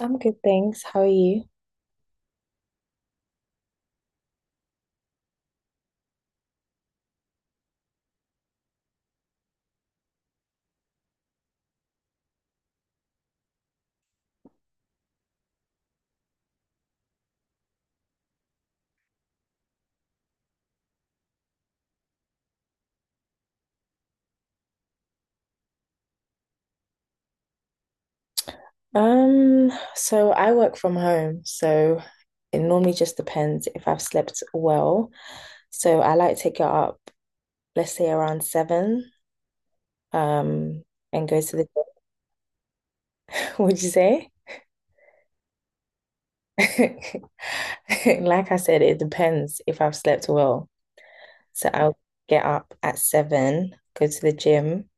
I'm good, thanks. How are you? So I work from home, so it normally just depends if I've slept well. So I like to get up, let's say around seven, um, and go to the Would you say? Like I said, it depends if I've slept well. So I'll get up at seven, go to the gym,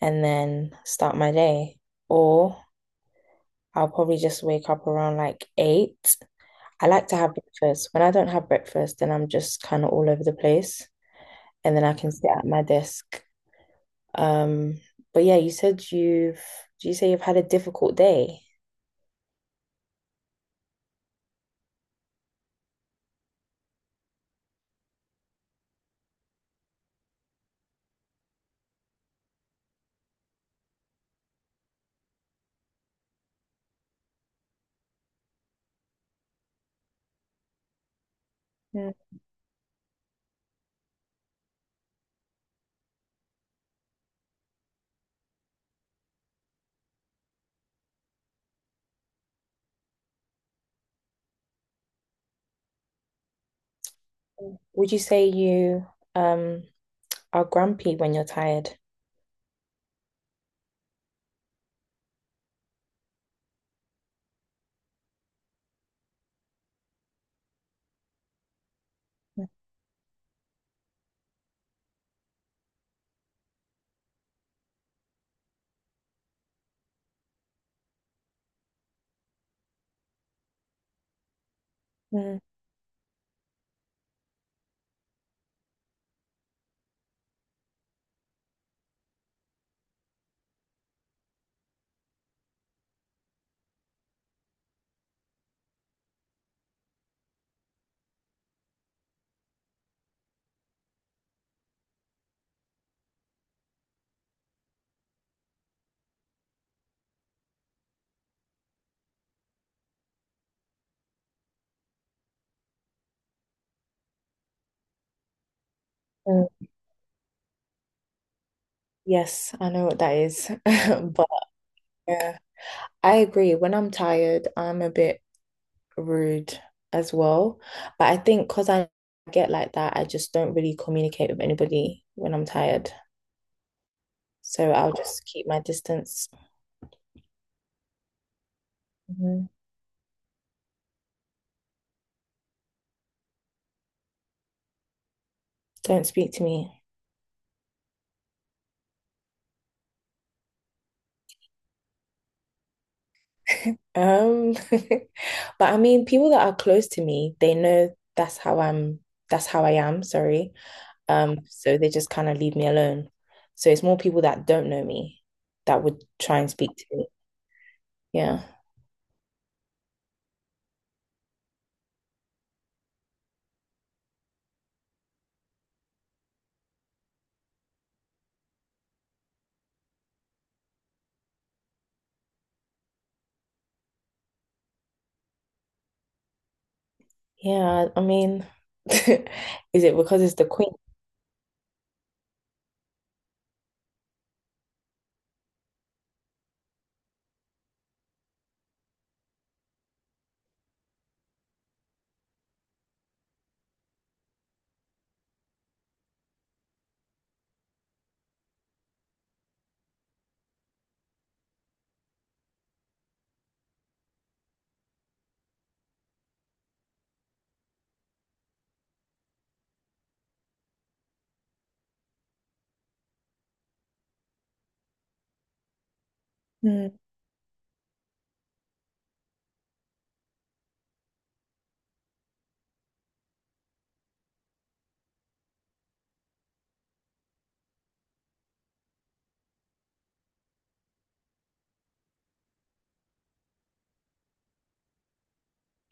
and then start my day. Or I'll probably just wake up around like eight. I like to have breakfast. When I don't have breakfast, then I'm just kind of all over the place, and then I can sit at my desk. Um, but yeah, you said you've, do you say you've had a difficult day? Mm. Would you say you um are grumpy when you're tired? Mm. Mm. Yes, I know what that is. But uh, I agree. When I'm tired, I'm a bit rude as well. But I think because I get like that, I just don't really communicate with anybody when I'm tired. So I'll just keep my distance. Mhm. Don't speak to me. Um, but I mean, people that are close to me, they know that's how I'm, that's how I am, sorry. So they just kind of leave me alone. So it's more people that don't know me that would try and speak to me. Yeah. Yeah, I mean, is it because it's the queen?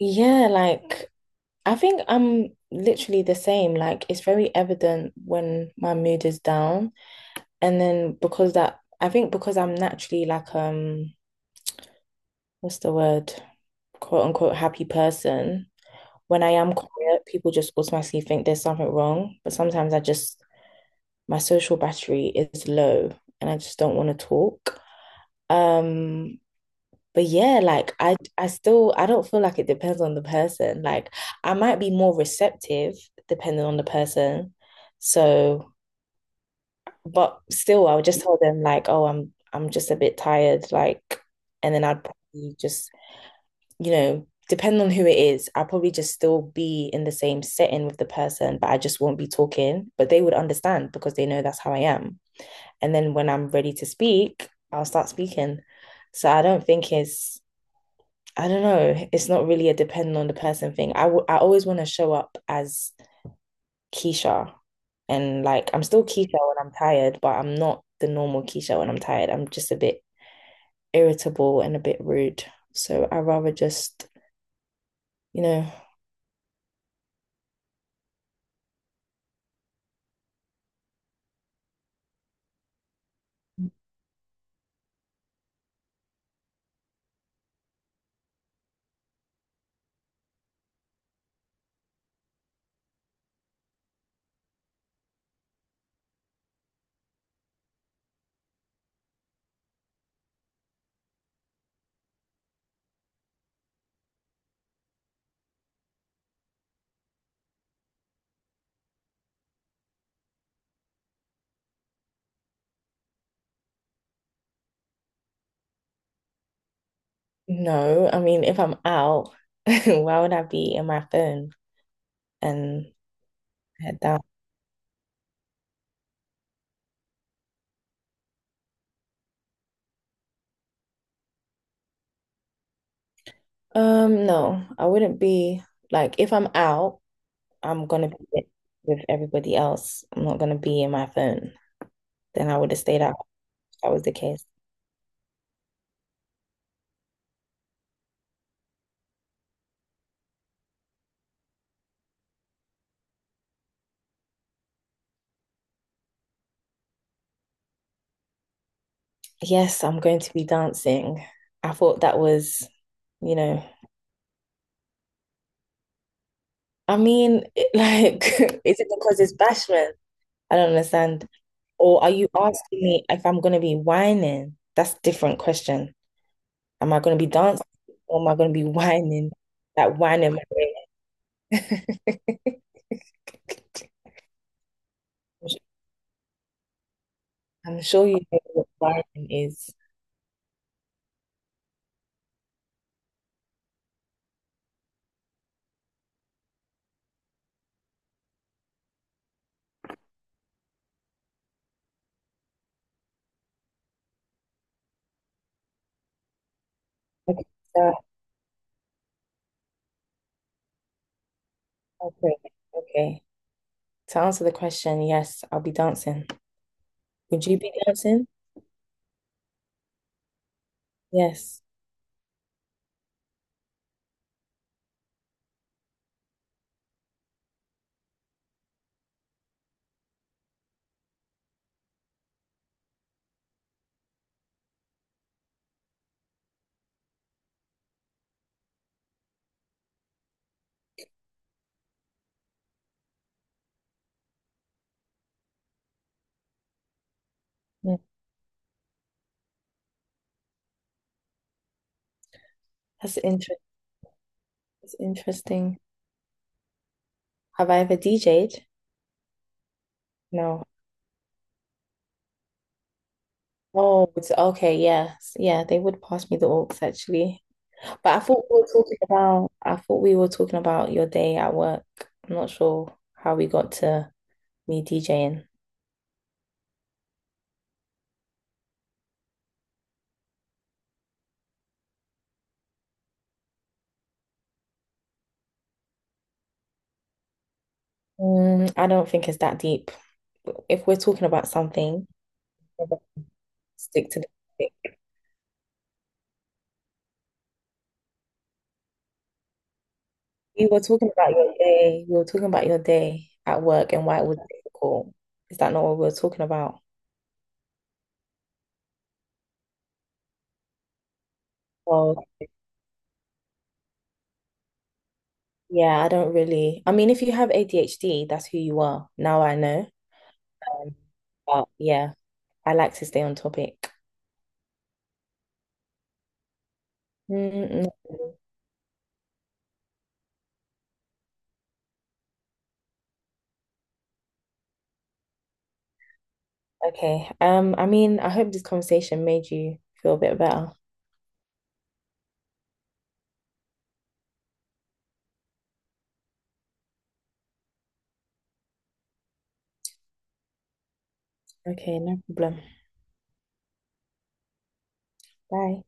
Yeah, like I think I'm literally the same. Like it's very evident when my mood is down. And then because that I think because I'm naturally like what's the word? Quote unquote happy person. When I am quiet, people just automatically think there's something wrong. But sometimes I just my social battery is low and I just don't want to talk. Um, but yeah, like I still I don't feel like it depends on the person. Like I might be more receptive depending on the person. So, but still I would just tell them like, "Oh, I'm just a bit tired." Like and then I'd probably just, you know, depending on who it is, I'll probably just still be in the same setting with the person, but I just won't be talking, but they would understand because they know that's how I am. And then when I'm ready to speak, I'll start speaking. So I don't think it's I don't know. It's not really a dependent on the person thing. I always want to show up as Keisha. And like, I'm still Keisha when I'm tired, but I'm not the normal Keisha when I'm tired. I'm just a bit irritable and a bit rude. So I rather just, you know, no. I mean, if I'm out, why would I be in my phone and head down? No, I wouldn't be like, if I'm out, I'm gonna be with everybody else. I'm not gonna be in my phone. Then I would have stayed out. That was the case. Yes, I'm going to be dancing. I thought that was, you know, I mean, it, like, is it because it's bashment? I don't understand. Or are you asking me if I'm going to be whining? That's a different question. Am I going to be dancing or am I going to be whining? Like whining. My way? I'm sure you know what wiring is. Okay, so, okay, okay. To answer the question, yes, I'll be dancing. Would you be dancing? Yes. Yeah. That's inter that's interesting. Have I ever DJ'd? No. Oh, it's okay, yes. Yeah, they would pass me the aux actually. But I thought we were talking about your day at work. I'm not sure how we got to me DJing. Mm, I don't think it's that deep. If we're talking about something, stick to the topic. We were talking about your day. We were talking about your day at work and why it was difficult. Is that not what we were talking about? Well, yeah, I don't really. I mean, if you have ADHD, that's who you are. Now I know. Um, but yeah, I like to stay on topic. Mm, no. Okay. I mean, I hope this conversation made you feel a bit better. Okay, no problem. Bye.